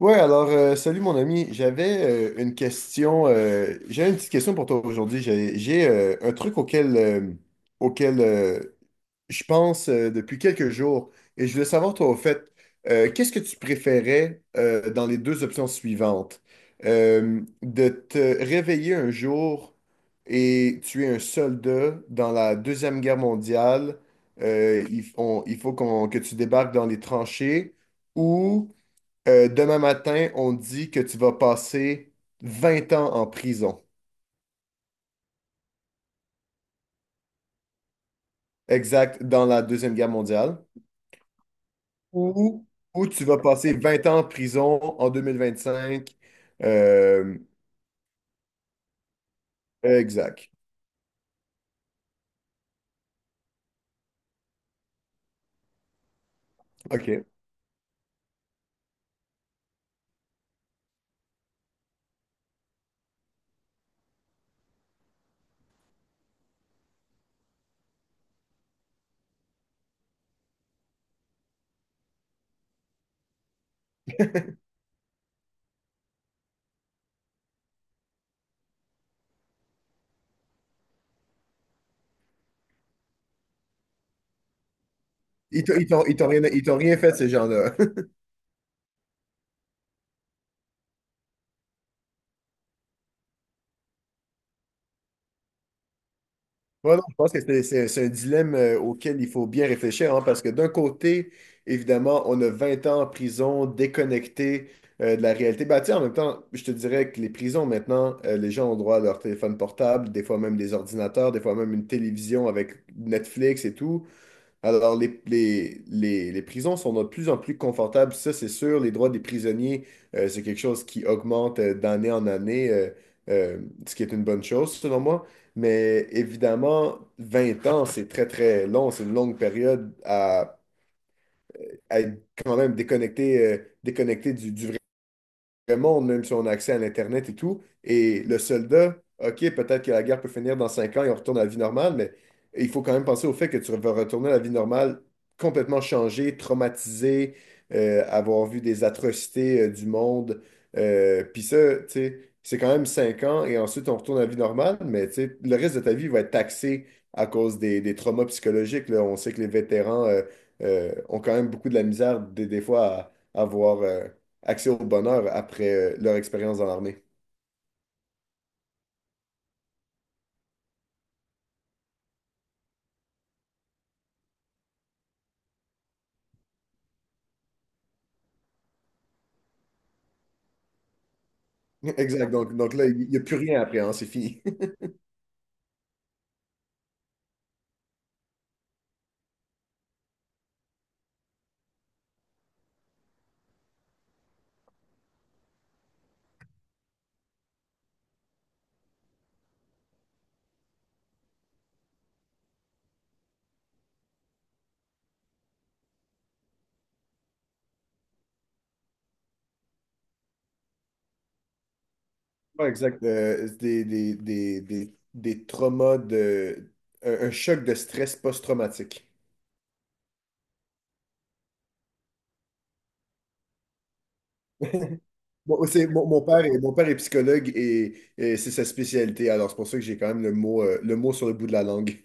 Salut mon ami. J'avais une question. J'ai une petite question pour toi aujourd'hui. J'ai un truc auquel je pense depuis quelques jours. Et je voulais savoir, toi, au fait, qu'est-ce que tu préférais dans les deux options suivantes? De te réveiller un jour et tu es un soldat dans la Deuxième Guerre mondiale. Il faut que tu débarques dans les tranchées ou. Demain matin, on dit que tu vas passer 20 ans en prison, exact, dans la Deuxième Guerre mondiale, ou, ou tu vas passer 20 ans en prison en 2025, euh, exact. OK. Ils t'ont rien fait, ces gens-là. Ouais, non, je pense que c'est un dilemme auquel il faut bien réfléchir, hein, parce que d'un côté, évidemment, on a 20 ans en prison, déconnecté de la réalité. Bah, tu sais, en même temps, je te dirais que les prisons, maintenant, les gens ont droit à leur téléphone portable, des fois même des ordinateurs, des fois même une télévision avec Netflix et tout. Alors, les prisons sont de plus en plus confortables, ça c'est sûr. Les droits des prisonniers, c'est quelque chose qui augmente d'année en année, euh, ce qui est une bonne chose selon moi. Mais évidemment, 20 ans, c'est très très long, c'est une longue période à être quand même déconnecté, déconnecté du le monde, même si on a accès à l'Internet et tout. Et le soldat, OK, peut-être que la guerre peut finir dans 5 ans et on retourne à la vie normale, mais il faut quand même penser au fait que tu vas retourner à la vie normale complètement changé, traumatisé, avoir vu des atrocités du monde. Puis ça, tu sais, c'est quand même 5 ans et ensuite on retourne à la vie normale, mais tu sais, le reste de ta vie va être taxé à cause des traumas psychologiques, là. On sait que les vétérans ont quand même beaucoup de la misère des fois à avoir accès au bonheur après leur expérience dans l'armée. Exact. Donc là, il n'y a plus rien après, hein, c'est fini. Ouais, exact. C'est des traumas de. Un choc de stress post-traumatique. Bon, c'est, mon père mon père est psychologue et c'est sa spécialité, alors c'est pour ça que j'ai quand même le mot sur le bout de la langue.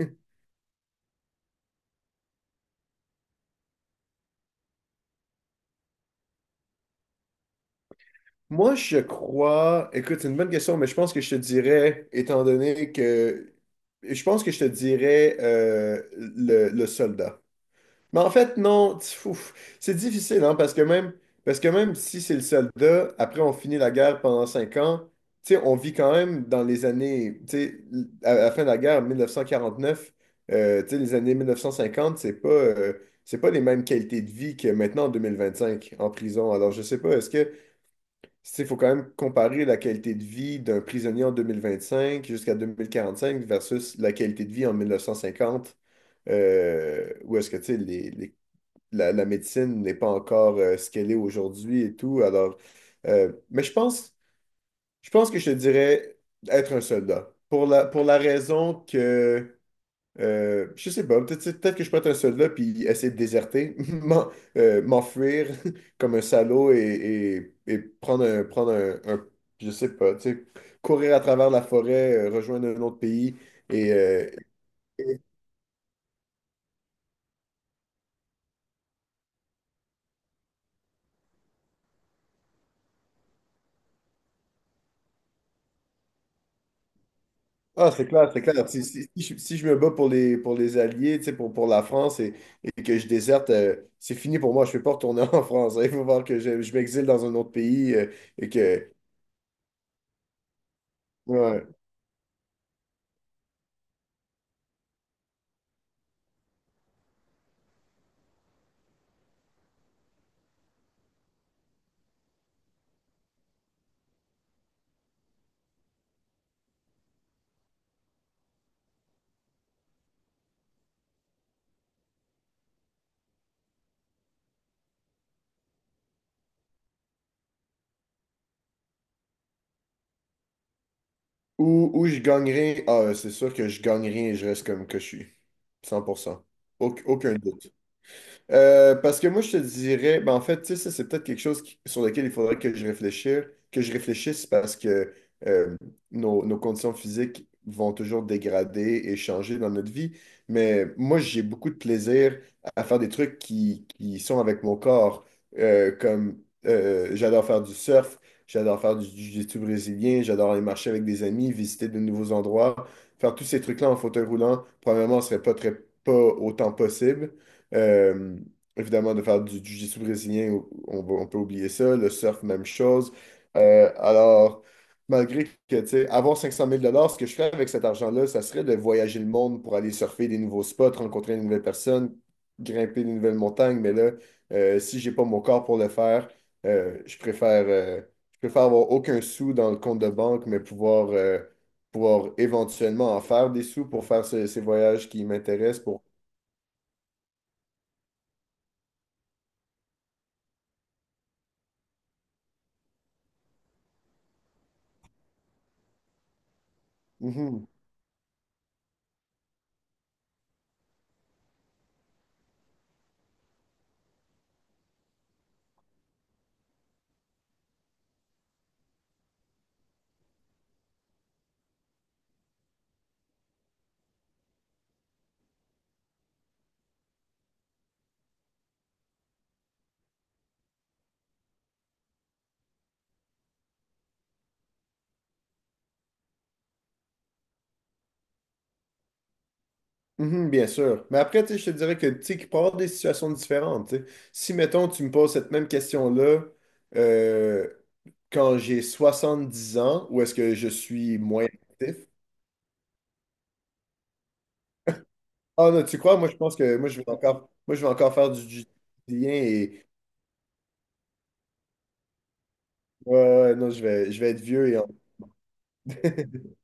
Moi, je crois, écoute, c'est une bonne question, mais je pense que je te dirais, étant donné que, je pense que je te dirais le soldat. Mais en fait, non, tu- ouf, c'est difficile, hein, parce que même si c'est le soldat, après on finit la guerre pendant 5 ans, tu sais, on vit quand même dans les années, tu sais, à la fin de la guerre, 1949, tu sais, les années 1950, c'est pas les mêmes qualités de vie que maintenant en 2025 en prison. Alors, je sais pas, est-ce que, tu sais, faut quand même comparer la qualité de vie d'un prisonnier en 2025 jusqu'à 2045 versus la qualité de vie en 1950. Ou est-ce que tu sais, la médecine n'est pas encore ce qu'elle est aujourd'hui et tout. Mais je pense que je te dirais être un soldat. Pour la raison que, je sais pas, peut-être que je peux être un soldat puis essayer de déserter, m'en- m'enfuir comme un salaud et prendre je sais pas, tu sais, courir à travers la forêt, rejoindre un autre pays et, Ah, c'est clair, c'est clair. Si je me bats pour les Alliés, tu sais, pour la France et que je déserte, c'est fini pour moi. Je ne peux pas retourner en France. Hein. Il faut voir que je m'exile dans un autre pays et que. Ouais. Ou je gagnerai. Ah, ouais, c'est sûr que je gagnerai et je reste comme que je suis. 100%. Aucun doute. Parce que moi, je te dirais, ben, en fait, tu sais, ça, c'est peut-être quelque chose sur lequel il faudrait que je réfléchisse parce que euh, nos conditions physiques vont toujours dégrader et changer dans notre vie. Mais moi, j'ai beaucoup de plaisir à faire des trucs qui sont avec mon corps. Comme j'adore faire du surf, j'adore faire du jiu-jitsu brésilien, j'adore aller marcher avec des amis, visiter de nouveaux endroits. Faire tous ces trucs-là en fauteuil roulant, probablement, ne serait pas très, pas autant possible. Euh, Évidemment, de faire du jiu-jitsu brésilien, on peut oublier ça. Le surf, même chose. Euh, alors, Malgré que, tu sais, avoir 500 000 dollars, ce que je ferais avec cet argent-là, ça serait de voyager le monde pour aller surfer des nouveaux spots, rencontrer de nouvelles personnes, grimper de nouvelles montagnes. Mais là, si j'ai pas mon corps pour le faire, euh, je préfère, euh, je préfère avoir aucun sou dans le compte de banque, mais pouvoir, pouvoir éventuellement en faire des sous pour faire ces voyages qui m'intéressent, pour... Mhm. Mhm, bien sûr. Mais après, tu sais, je te dirais que, tu sais, qu'il peut y avoir des situations différentes. Tu sais. Si, mettons, tu me poses cette même question-là euh, quand j'ai 70 ans, ou est-ce que je suis moins actif? Ah non, tu crois? Moi, je pense que moi, je vais encore faire du jiu-jitsu et ouais, ouais, non, je vais être vieux et en-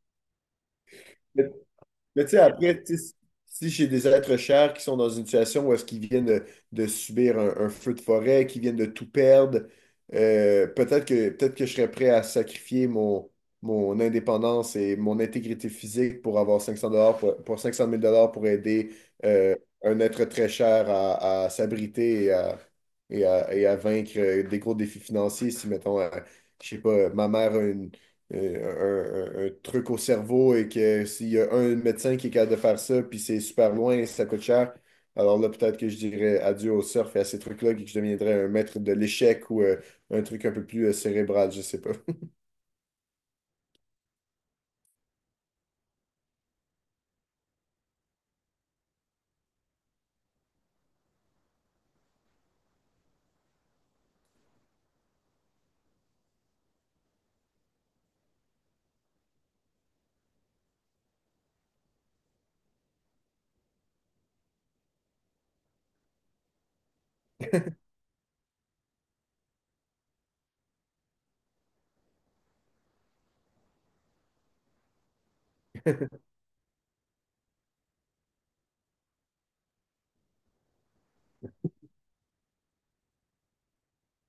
Mais tu sais, après, tu sais, si j'ai des êtres chers qui sont dans une situation où est-ce qu'ils viennent de subir un feu de forêt, qui viennent de tout perdre, peut-être que je serais prêt à sacrifier mon indépendance et mon intégrité physique pour avoir 500 dollars pour 500 000 dollars pour aider euh, un être très cher à s'abriter et à vaincre des gros défis financiers. Si, mettons, je sais pas, ma mère a un truc au cerveau et que s'il y a un médecin qui est capable de faire ça, puis c'est super loin, ça coûte cher, alors là, peut-être que je dirais adieu au surf et à ces trucs-là, et que je deviendrais un maître de l'échec ou un truc un peu plus cérébral, je sais pas.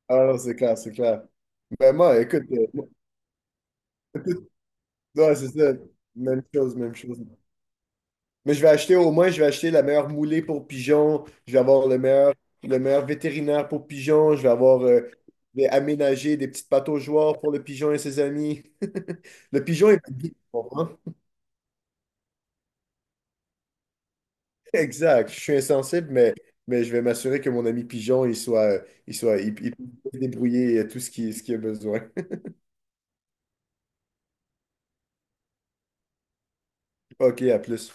Ah, c'est clair, c'est clair. Ben moi, écoute, moi, tout- Ouais, c'est ça. Même chose, même chose. Mais je vais acheter au moins, je vais acheter la meilleure moulée pour pigeons, je vais avoir le meilleur vétérinaire pour pigeons, je vais aménager des petites pataugeoires pour le pigeon et ses amis. Le pigeon est ma guide, tu comprends? Exact. Je suis insensible, mais je vais m'assurer que mon ami pigeon, il peut se débrouiller tout ce qui, ce qu'il a besoin. OK, à plus.